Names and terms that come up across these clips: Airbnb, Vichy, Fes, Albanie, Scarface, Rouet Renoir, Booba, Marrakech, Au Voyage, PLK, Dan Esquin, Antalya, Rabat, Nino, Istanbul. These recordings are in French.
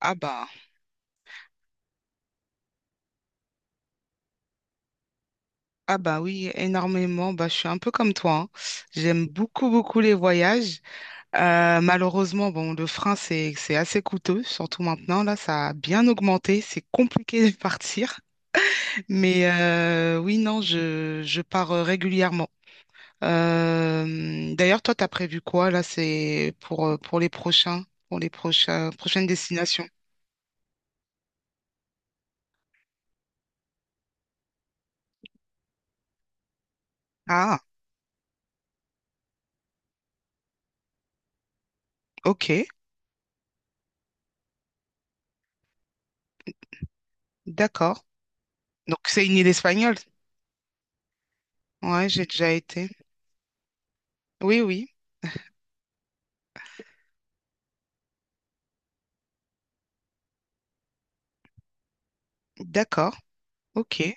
Ah bah, ah bah oui, énormément. Bah, je suis un peu comme toi, hein. J'aime beaucoup, beaucoup les voyages. Malheureusement, bon, le frein, c'est assez coûteux, surtout maintenant. Là, ça a bien augmenté. C'est compliqué de partir. Mais oui, non, je pars régulièrement. D'ailleurs, toi, t'as prévu quoi là, c'est pour les prochains, pour les prochaines destinations? Ah, ok, d'accord. Donc, c'est une île espagnole. Ouais, j'ai déjà été. Oui, oui, d'accord. Ok.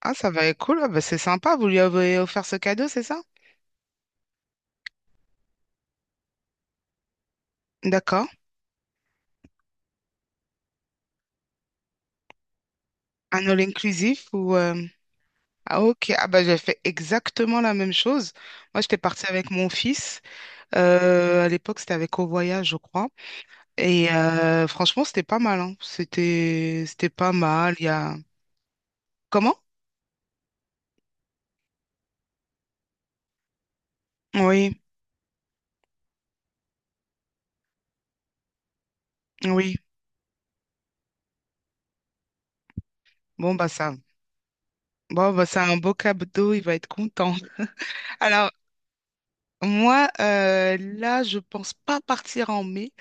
Ah, ça va être cool. Ah, bah, c'est sympa. Vous lui avez offert ce cadeau, c'est ça? D'accord. Un all-inclusif ou... Ah, ok. Ah, bah, j'ai fait exactement la même chose. Moi, j'étais partie avec mon fils. À l'époque, c'était avec Au Voyage, je crois. Et franchement, c'était pas mal, hein. C'était... c'était pas mal. Il y a... Comment? Oui, oui. Bon, bah, ça... Bon, bah, c'est un beau cadeau. Il va être content. Alors moi, là, je pense pas partir en mai.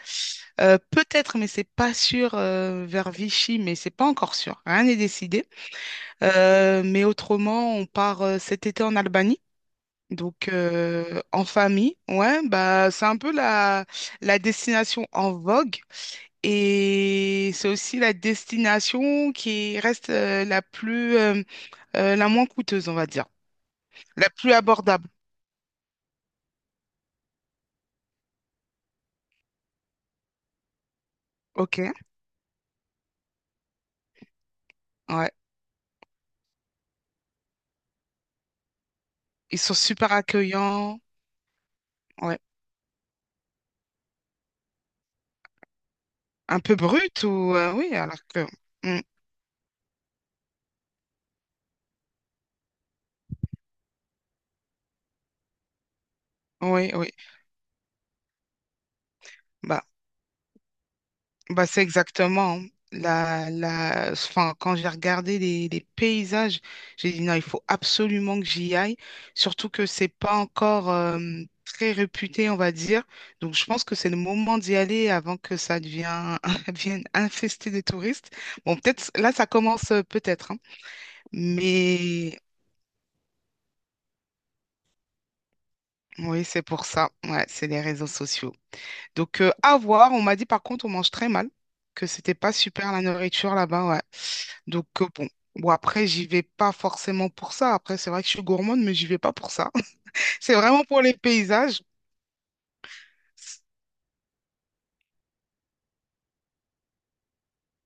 Peut-être, mais c'est pas sûr vers Vichy, mais c'est pas encore sûr. Rien n'est décidé. Mais autrement, on part cet été en Albanie. Donc en famille, ouais, bah c'est un peu la destination en vogue et c'est aussi la destination qui reste la plus la moins coûteuse, on va dire, la plus abordable. Ok, ouais, ils sont super accueillants. Ouais. Un peu brute ou oui, alors que mm. Oui, oui. Bah, bah c'est exactement la enfin, quand j'ai regardé les paysages, j'ai dit non, il faut absolument que j'y aille, surtout que c'est pas encore très réputé, on va dire. Donc je pense que c'est le moment d'y aller avant que ça devienne, devienne infesté de touristes. Bon, peut-être là ça commence peut-être, hein. Mais oui, c'est pour ça. Ouais, c'est les réseaux sociaux. Donc, à voir. On m'a dit, par contre, on mange très mal, que c'était pas super la nourriture là-bas, ouais. Donc, bon. Bon, après, j'y vais pas forcément pour ça. Après, c'est vrai que je suis gourmande, mais j'y vais pas pour ça. C'est vraiment pour les paysages.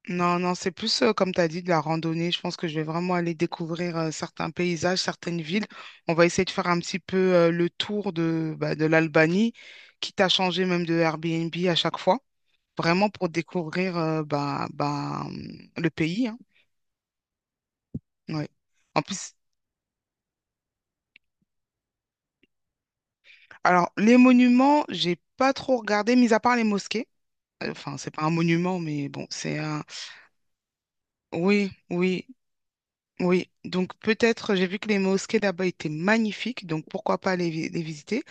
Non, non, c'est plus, comme tu as dit, de la randonnée. Je pense que je vais vraiment aller découvrir certains paysages, certaines villes. On va essayer de faire un petit peu le tour de, bah, de l'Albanie, quitte à changer même de Airbnb à chaque fois, vraiment pour découvrir le pays, hein. Oui. En plus, alors, les monuments, j'ai pas trop regardé, mis à part les mosquées. Enfin, c'est pas un monument, mais bon, c'est un. Oui, oui, oui. Donc, peut-être, j'ai vu que les mosquées là-bas étaient magnifiques, donc pourquoi pas les visiter.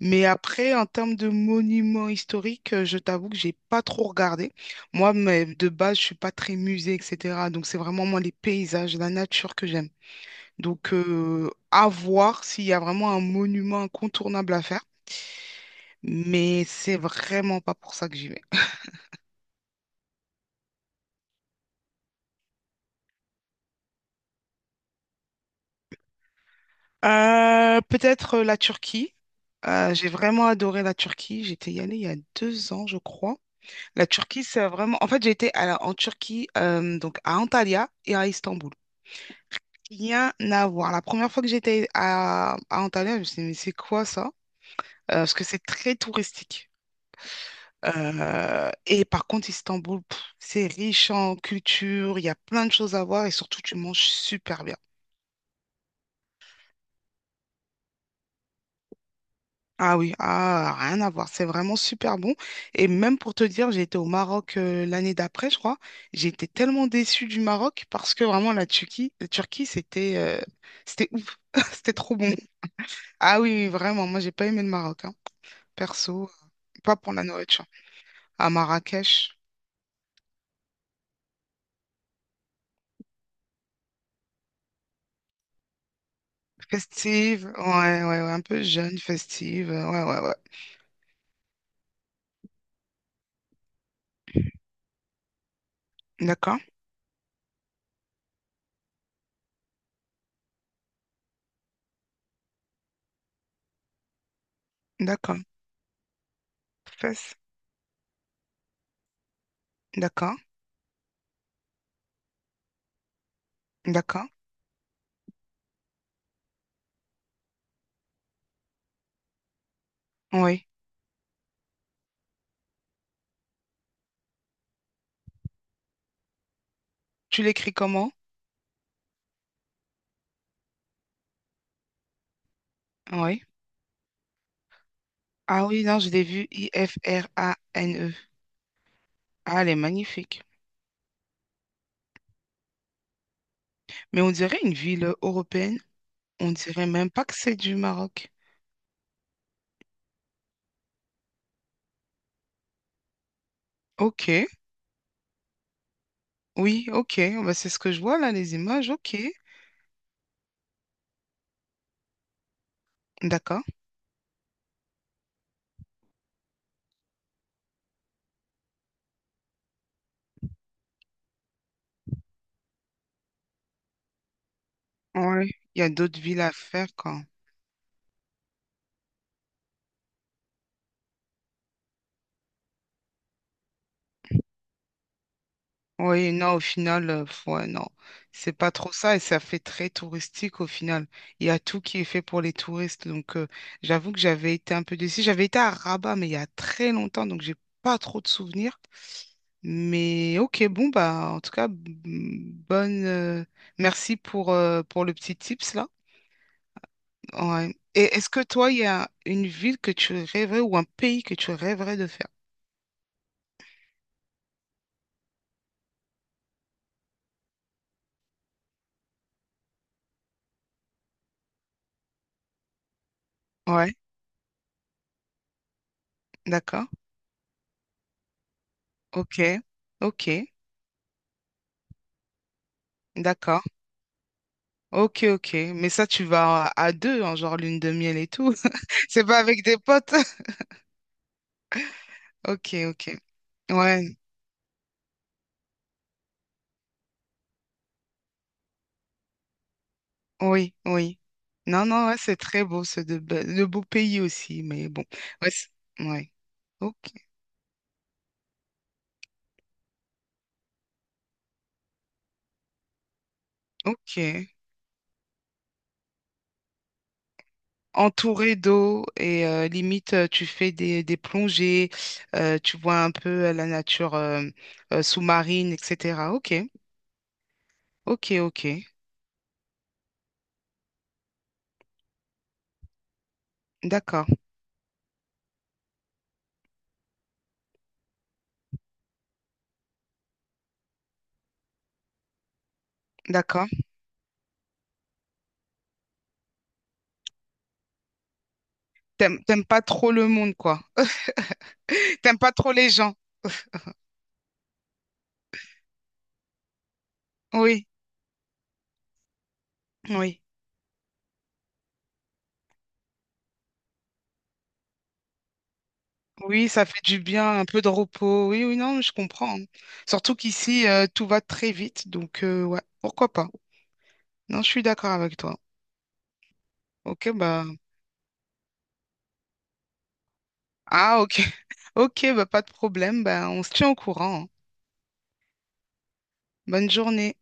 Mais après, en termes de monuments historiques, je t'avoue que j'ai pas trop regardé. Moi, mais de base, je suis pas très musée, etc. Donc, c'est vraiment moi les paysages, la nature que j'aime. Donc, à voir s'il y a vraiment un monument incontournable à faire. Mais c'est vraiment pas pour ça que j'y vais. Peut-être la Turquie. J'ai vraiment adoré la Turquie. J'étais y allée il y a deux ans, je crois. La Turquie, c'est vraiment... En fait, j'ai été en Turquie, donc à Antalya et à Istanbul. Rien à voir. La première fois que j'étais à Antalya, je me suis dit, mais c'est quoi ça? Parce que c'est très touristique. Et par contre, Istanbul, pff, c'est riche en culture, il y a plein de choses à voir et surtout, tu manges super bien. Ah oui, ah, rien à voir. C'est vraiment super bon. Et même pour te dire, j'ai été au Maroc l'année d'après, je crois. J'ai été tellement déçue du Maroc parce que vraiment la Turquie, c'était c'était ouf. C'était trop bon. Ah oui, oui, vraiment. Moi, j'ai pas aimé le Maroc, hein. Perso, pas pour la nourriture. À Marrakech, festive. Ouais, ouais, ouais, un peu jeune, festive. Ouais, ouais, ouais. D'accord, d'accord. Fes, d'accord, d'accord. Oui. Tu l'écris comment? Oui. Ah oui, non, je l'ai vu, I-F-R-A-N-E. Ah, elle est magnifique. Mais on dirait une ville européenne. On dirait même pas que c'est du Maroc. Ok, oui, ok. Bah, c'est ce que je vois là, les images. Ok, d'accord. Ouais, il y a d'autres villes à faire quand. Oui, non, au final, pff, ouais, non. C'est pas trop ça et ça fait très touristique au final. Il y a tout qui est fait pour les touristes. Donc, j'avoue que j'avais été un peu déçue. J'avais été à Rabat, mais il y a très longtemps, donc j'ai pas trop de souvenirs. Mais ok, bon, bah, en tout cas, bonne. Merci pour le petit tips là. Ouais. Et est-ce que toi, il y a une ville que tu rêverais ou un pays que tu rêverais de faire? Ouais, d'accord. Ok, ok, d'accord. Ok, ok. Mais ça, tu vas à deux, en genre lune de miel et tout. C'est pas avec des potes. Ok, ok. Ouais, oui, oui. Non, non, ouais, c'est très beau, c'est de beaux pays aussi, mais bon. Ouais, c'est- ouais. Ok, ok. Entouré d'eau et limite tu fais des plongées, tu vois un peu la nature sous-marine, etc. Ok, ok, ok. D'accord, d'accord. T'aimes, t'aimes pas trop le monde, quoi. T'aimes pas trop les gens. Oui, oui. Oui, ça fait du bien, un peu de repos. Oui, oui, non, je comprends. Surtout qu'ici, tout va très vite. Donc, ouais, pourquoi pas? Non, je suis d'accord avec toi. Ok, bah. Ah, ok. Ok, bah, pas de problème. Bah, on se tient au courant, hein. Bonne journée.